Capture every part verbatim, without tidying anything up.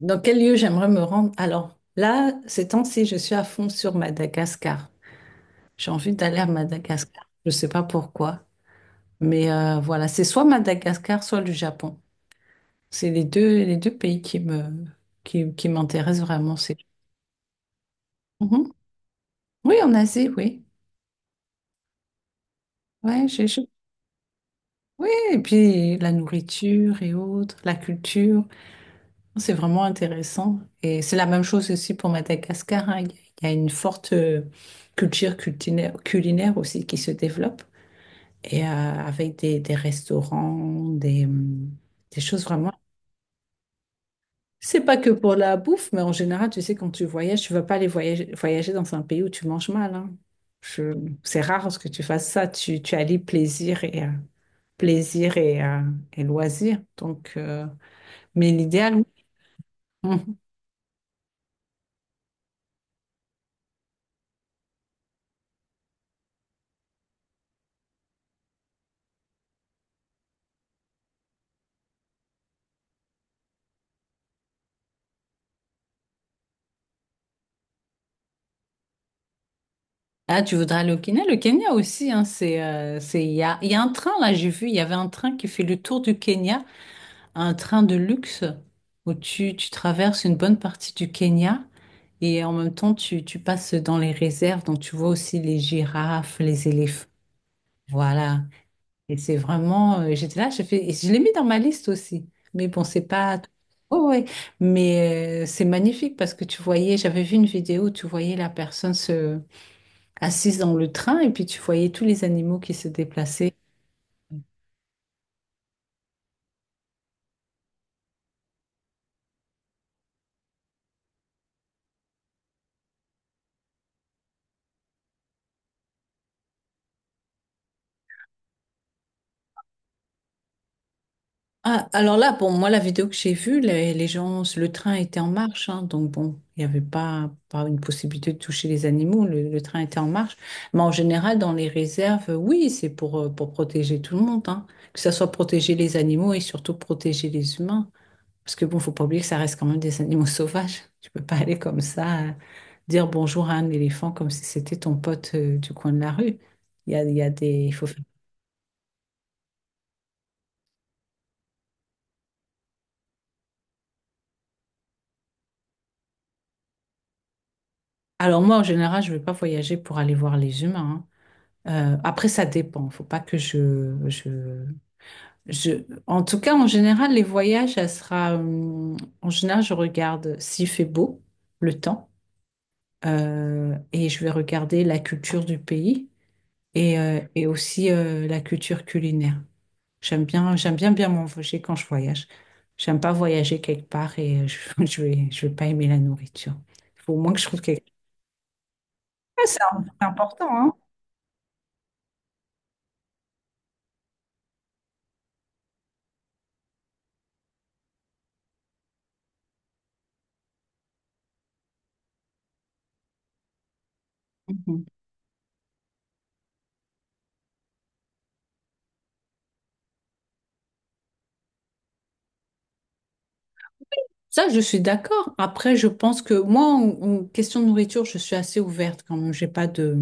Dans quel lieu j'aimerais me rendre? Alors, là, ces temps-ci, je suis à fond sur Madagascar. J'ai envie d'aller à Madagascar. Je ne sais pas pourquoi. Mais euh, voilà, c'est soit Madagascar, soit le Japon. C'est les deux, les deux pays qui me, qui, qui m'intéressent vraiment. C'est... Mhm. Oui, en Asie, oui. Ouais, j'ai, je- Oui, et puis la nourriture et autres, la culture. C'est vraiment intéressant. Et c'est la même chose aussi pour Madagascar, hein. Il y a il y a une forte euh, culture culinaire, culinaire aussi qui se développe. Et euh, avec des, des restaurants, des, hum, des choses vraiment. C'est pas que pour la bouffe, mais en général, tu sais, quand tu voyages, tu vas pas aller voyager, voyager dans un pays où tu manges mal, hein. Je- C'est rare que tu fasses ça. Tu, tu allies plaisir et, euh, plaisir et, euh, et loisir. Donc, euh, mais l'idéal, oui. Ah, tu voudrais aller au Kenya? Le Kenya aussi, hein, c'est, euh, c'est, il y a, il y a un train, là, j'ai vu, il y avait un train qui fait le tour du Kenya, un train de luxe où tu, tu traverses une bonne partie du Kenya et en même temps, tu, tu passes dans les réserves, donc tu vois aussi les girafes, les éléphants. Voilà. Et c'est vraiment, euh, j'étais là, j'ai fait, et je l'ai mis dans ma liste aussi. Mais bon, c'est pas, ouais, ouais. Mais euh, c'est magnifique parce que tu voyais, j'avais vu une vidéo où tu voyais la personne se assise dans le train et puis tu voyais tous les animaux qui se déplaçaient. Ah, alors là, bon, moi, la vidéo que j'ai vue, les, les gens, le train était en marche, hein, donc bon, il n'y avait pas, pas une possibilité de toucher les animaux, le, le train était en marche. Mais en général, dans les réserves, oui, c'est pour, euh, pour protéger tout le monde, hein, que ça soit protéger les animaux et surtout protéger les humains. Parce que bon, faut pas oublier que ça reste quand même des animaux sauvages. Tu peux pas aller comme ça, euh, dire bonjour à un éléphant comme si c'était ton pote euh, du coin de la rue. Il y a, il y a des... il faut faire- Alors moi, en général, je vais pas voyager pour aller voir les humains, hein. Euh, après, ça dépend. Faut pas que je, je, je... En tout cas, en général, les voyages, ça sera... euh, En général, je regarde s'il fait beau, le temps, euh, et je vais regarder la culture du pays et, euh, et aussi euh, la culture culinaire. J'aime bien, j'aime bien bien m'envoyer quand je voyage. J'aime pas voyager quelque part et euh, je, je vais, je vais pas aimer la nourriture. Il faut au moins que je trouve quelque chose. C'est un- c'est important, hein? Mhm. Ça, je suis d'accord. Après, je pense que moi, en, en question de nourriture, je suis assez ouverte quand même. J'ai pas de,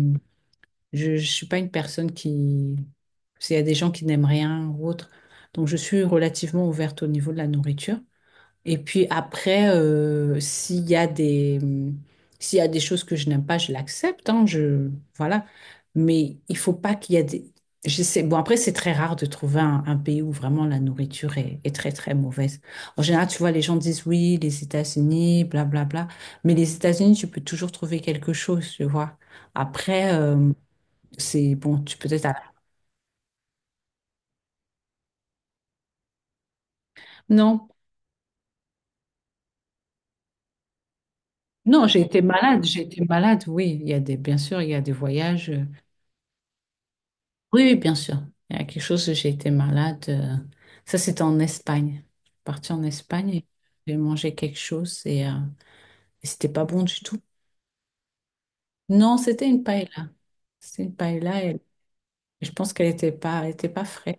je, je suis pas une personne qui, s'il y a des gens qui n'aiment rien ou autre, donc je suis relativement ouverte au niveau de la nourriture. Et puis après, euh, s'il y a des, s'il y a des choses que je n'aime pas, je l'accepte, hein, je, voilà. Mais il faut pas qu'il y ait des... Je sais, bon, après, c'est très rare de trouver un, un pays où vraiment la nourriture est, est très, très mauvaise. En général, tu vois, les gens disent oui, les États-Unis, blablabla. Mais les États-Unis, tu peux toujours trouver quelque chose, tu vois. Après, euh, c'est bon, tu peux être à... Non, non, j'ai été malade, j'ai été malade, oui. Il y a des, bien sûr, il y a des voyages, euh, oui, oui, bien sûr. Il y a quelque chose, j'ai été malade, euh, ça, c'était en Espagne. Je suis partie en Espagne et j'ai mangé quelque chose et, euh, et c'était pas bon du tout. Non, c'était une paella. C'était une paella et je pense qu'elle était pas, elle était pas fraîche.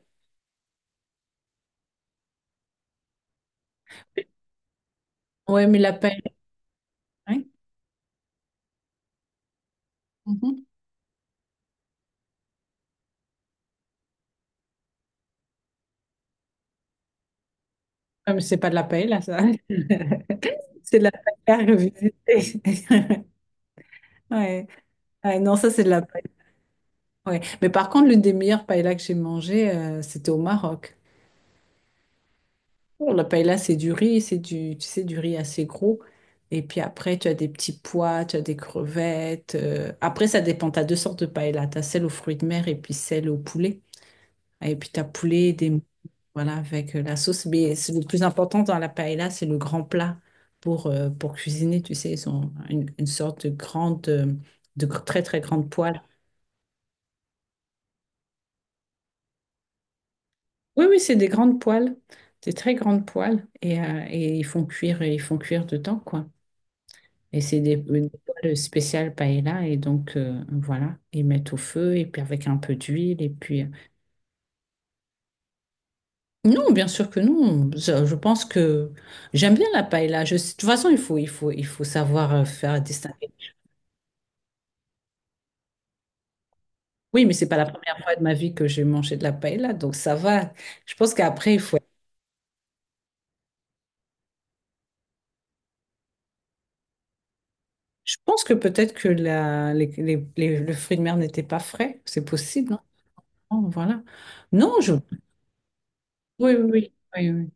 Ouais, mais la paella, oui. Mhm. Ah, mais c'est pas de la paella, ça. C'est de la paella revisitée. Ouais. Ouais, non, ça, c'est de la paella. Ouais. Mais par contre, l'une des meilleures paellas que j'ai mangées, euh, c'était au Maroc. On la paella, c'est du riz, c'est du, tu sais, du riz assez gros. Et puis après, tu as des petits pois, tu as des crevettes, euh. Après, ça dépend. Tu as deux sortes de paella. Tu as celle aux fruits de mer et puis celle au poulet. Et puis tu as poulet, des... voilà, avec euh, la sauce. Mais c'est le plus important dans la paella, c'est le grand plat pour, euh, pour cuisiner. Tu sais, ils ont une, une sorte de grande, euh, de gr- très, très grande poêle. Oui, oui, c'est des grandes poêles. Des très grandes poêles. Et, euh, et ils font cuire, ils font cuire dedans, quoi. Et c'est des, une toile spéciale paella. Et donc, euh, voilà, ils mettent au feu, et puis avec un peu d'huile. Et puis, euh. Non, bien sûr que non. Je, je pense que j'aime bien la paella. Je, de toute façon, il faut, il faut, il faut savoir euh, faire distinguer. Oui, mais c'est pas la première fois de ma vie que j'ai mangé de la paella. Donc, ça va. Je pense qu'après, il faut. Je pense que peut-être que la, les, les- les- le fruit de mer n'était pas frais. C'est possible, hein. Voilà. Non, je, oui, oui, oui, oui, oui.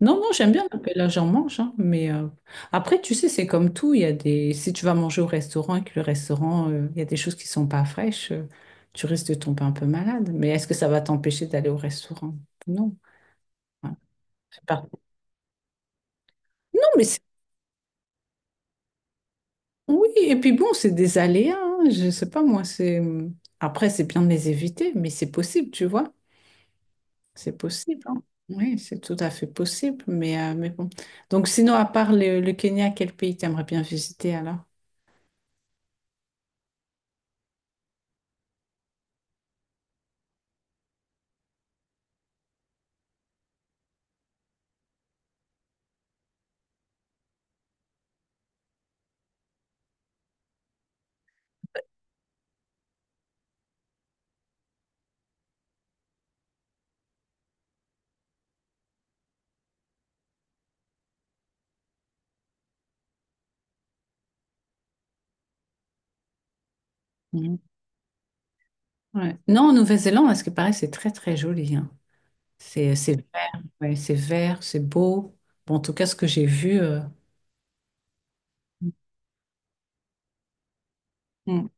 Non, non, j'aime bien mais là j'en mange, hein, mais euh, après, tu sais, c'est comme tout, il y a des... Si tu vas manger au restaurant et que le restaurant, euh, il y a des choses qui sont pas fraîches, euh, tu risques de tomber un peu malade. Mais est-ce que ça va t'empêcher d'aller au restaurant? Non. Voilà, c'est pas- Non, mais c'est- oui, et puis bon, c'est des aléas, hein, je sais pas, moi, c'est... hum, après, c'est bien de les éviter, mais c'est possible, tu vois. C'est possible, hein. Oui, c'est tout à fait possible, mais, euh, mais bon. Donc, sinon, à part le, le Kenya, quel pays t'aimerais bien visiter alors? Mhm. Ouais. Non, en Nouvelle-Zélande, parce que pareil, c'est très très joli, hein. C'est c'est vert, ouais, c'est vert, c'est beau. Bon, en tout cas, ce que j'ai vu, euh, mm.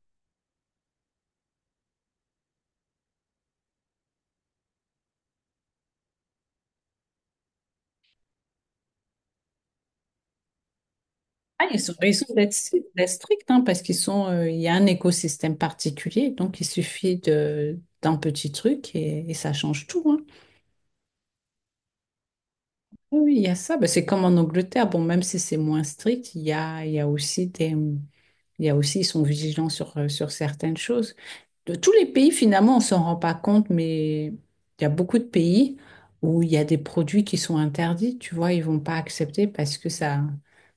Ah, ils sont, ils sont d'être d'être stricts, hein, parce qu'ils sont, euh, il y a un écosystème particulier, donc il suffit de d'un petit truc et, et ça change tout, hein. Oui, oui, il y a ça. Ben, c'est comme en Angleterre. Bon, même si c'est moins strict, il y a, il y a aussi des, il y a aussi, ils sont vigilants sur, euh, sur certaines choses. De tous les pays, finalement, on s'en rend pas compte, mais il y a beaucoup de pays où il y a des produits qui sont interdits. Tu vois, ils vont pas accepter parce que ça,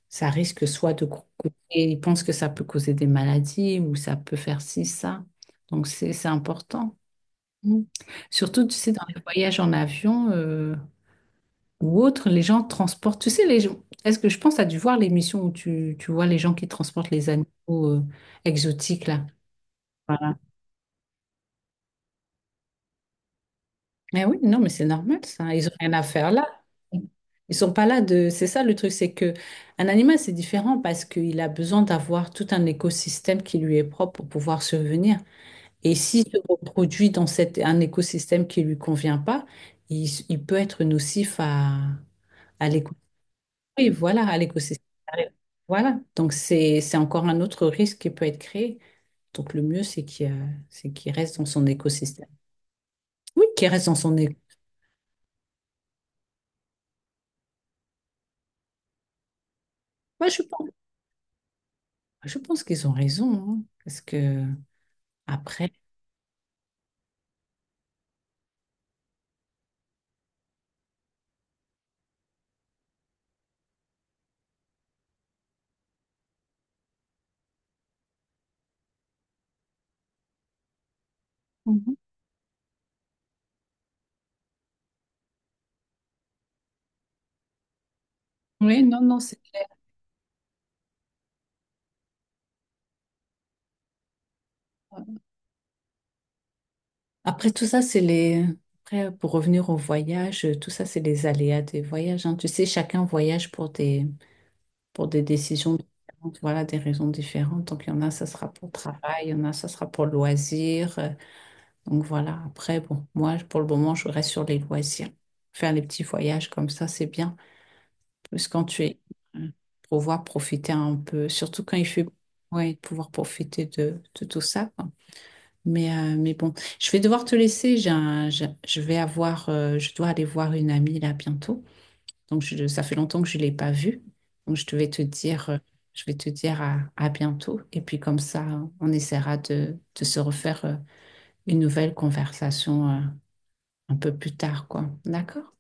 ça risque soit de coûter, ils pensent que ça peut causer des maladies ou ça peut faire ci, ça. Donc, c'est, c'est important. Mm. Surtout, tu sais, dans les voyages en avion, euh, ou autre, les gens transportent. Tu sais, les gens, est-ce que je pense, à dû voir l'émission où tu, tu vois les gens qui transportent les animaux euh, exotiques là. Voilà. Mais oui, non, mais c'est normal ça. Ils ont rien à faire là. Ils sont pas là de. C'est ça le truc, c'est que un animal c'est différent parce qu'il a besoin d'avoir tout un écosystème qui lui est propre pour pouvoir survenir. Et s'il se reproduit dans cet, un écosystème qui lui convient pas, il, il peut être nocif à, à l'écosystème. Oui, voilà, à l'écosystème. Voilà, donc c'est c'est encore un autre risque qui peut être créé. Donc le mieux, c'est qu'il y a- c'est qu'il reste dans son écosystème. Oui, qu'il reste dans son écosystème. je pense, je pense qu'ils ont raison, hein, parce que après... Mhm. Oui, non, non, c'est clair. Après tout ça, c'est les... Après, pour revenir au voyage, tout ça, c'est les aléas des voyages, hein. Tu sais, chacun voyage pour des, pour des décisions différentes, voilà, des raisons différentes. Donc il y en a, ça sera pour le travail, il y en a, ça sera pour le loisir, euh, donc voilà, après, bon, moi, pour le moment, je reste sur les loisirs. Faire les petits voyages comme ça, c'est bien. Parce que quand tu es, euh, pouvoir profiter un peu, surtout quand il fait, ouais, pouvoir profiter de, de tout ça, quoi. Mais, euh, mais bon, je vais devoir te laisser. J'ai un- j'ai- je vais avoir, euh, je dois aller voir une amie là bientôt. Donc je- ça fait longtemps que je ne l'ai pas vue. Donc je devais te dire, euh, je vais te dire à, à bientôt. Et puis comme ça, on essaiera de, de se refaire euh, une nouvelle conversation, euh, un peu plus tard, quoi. D'accord?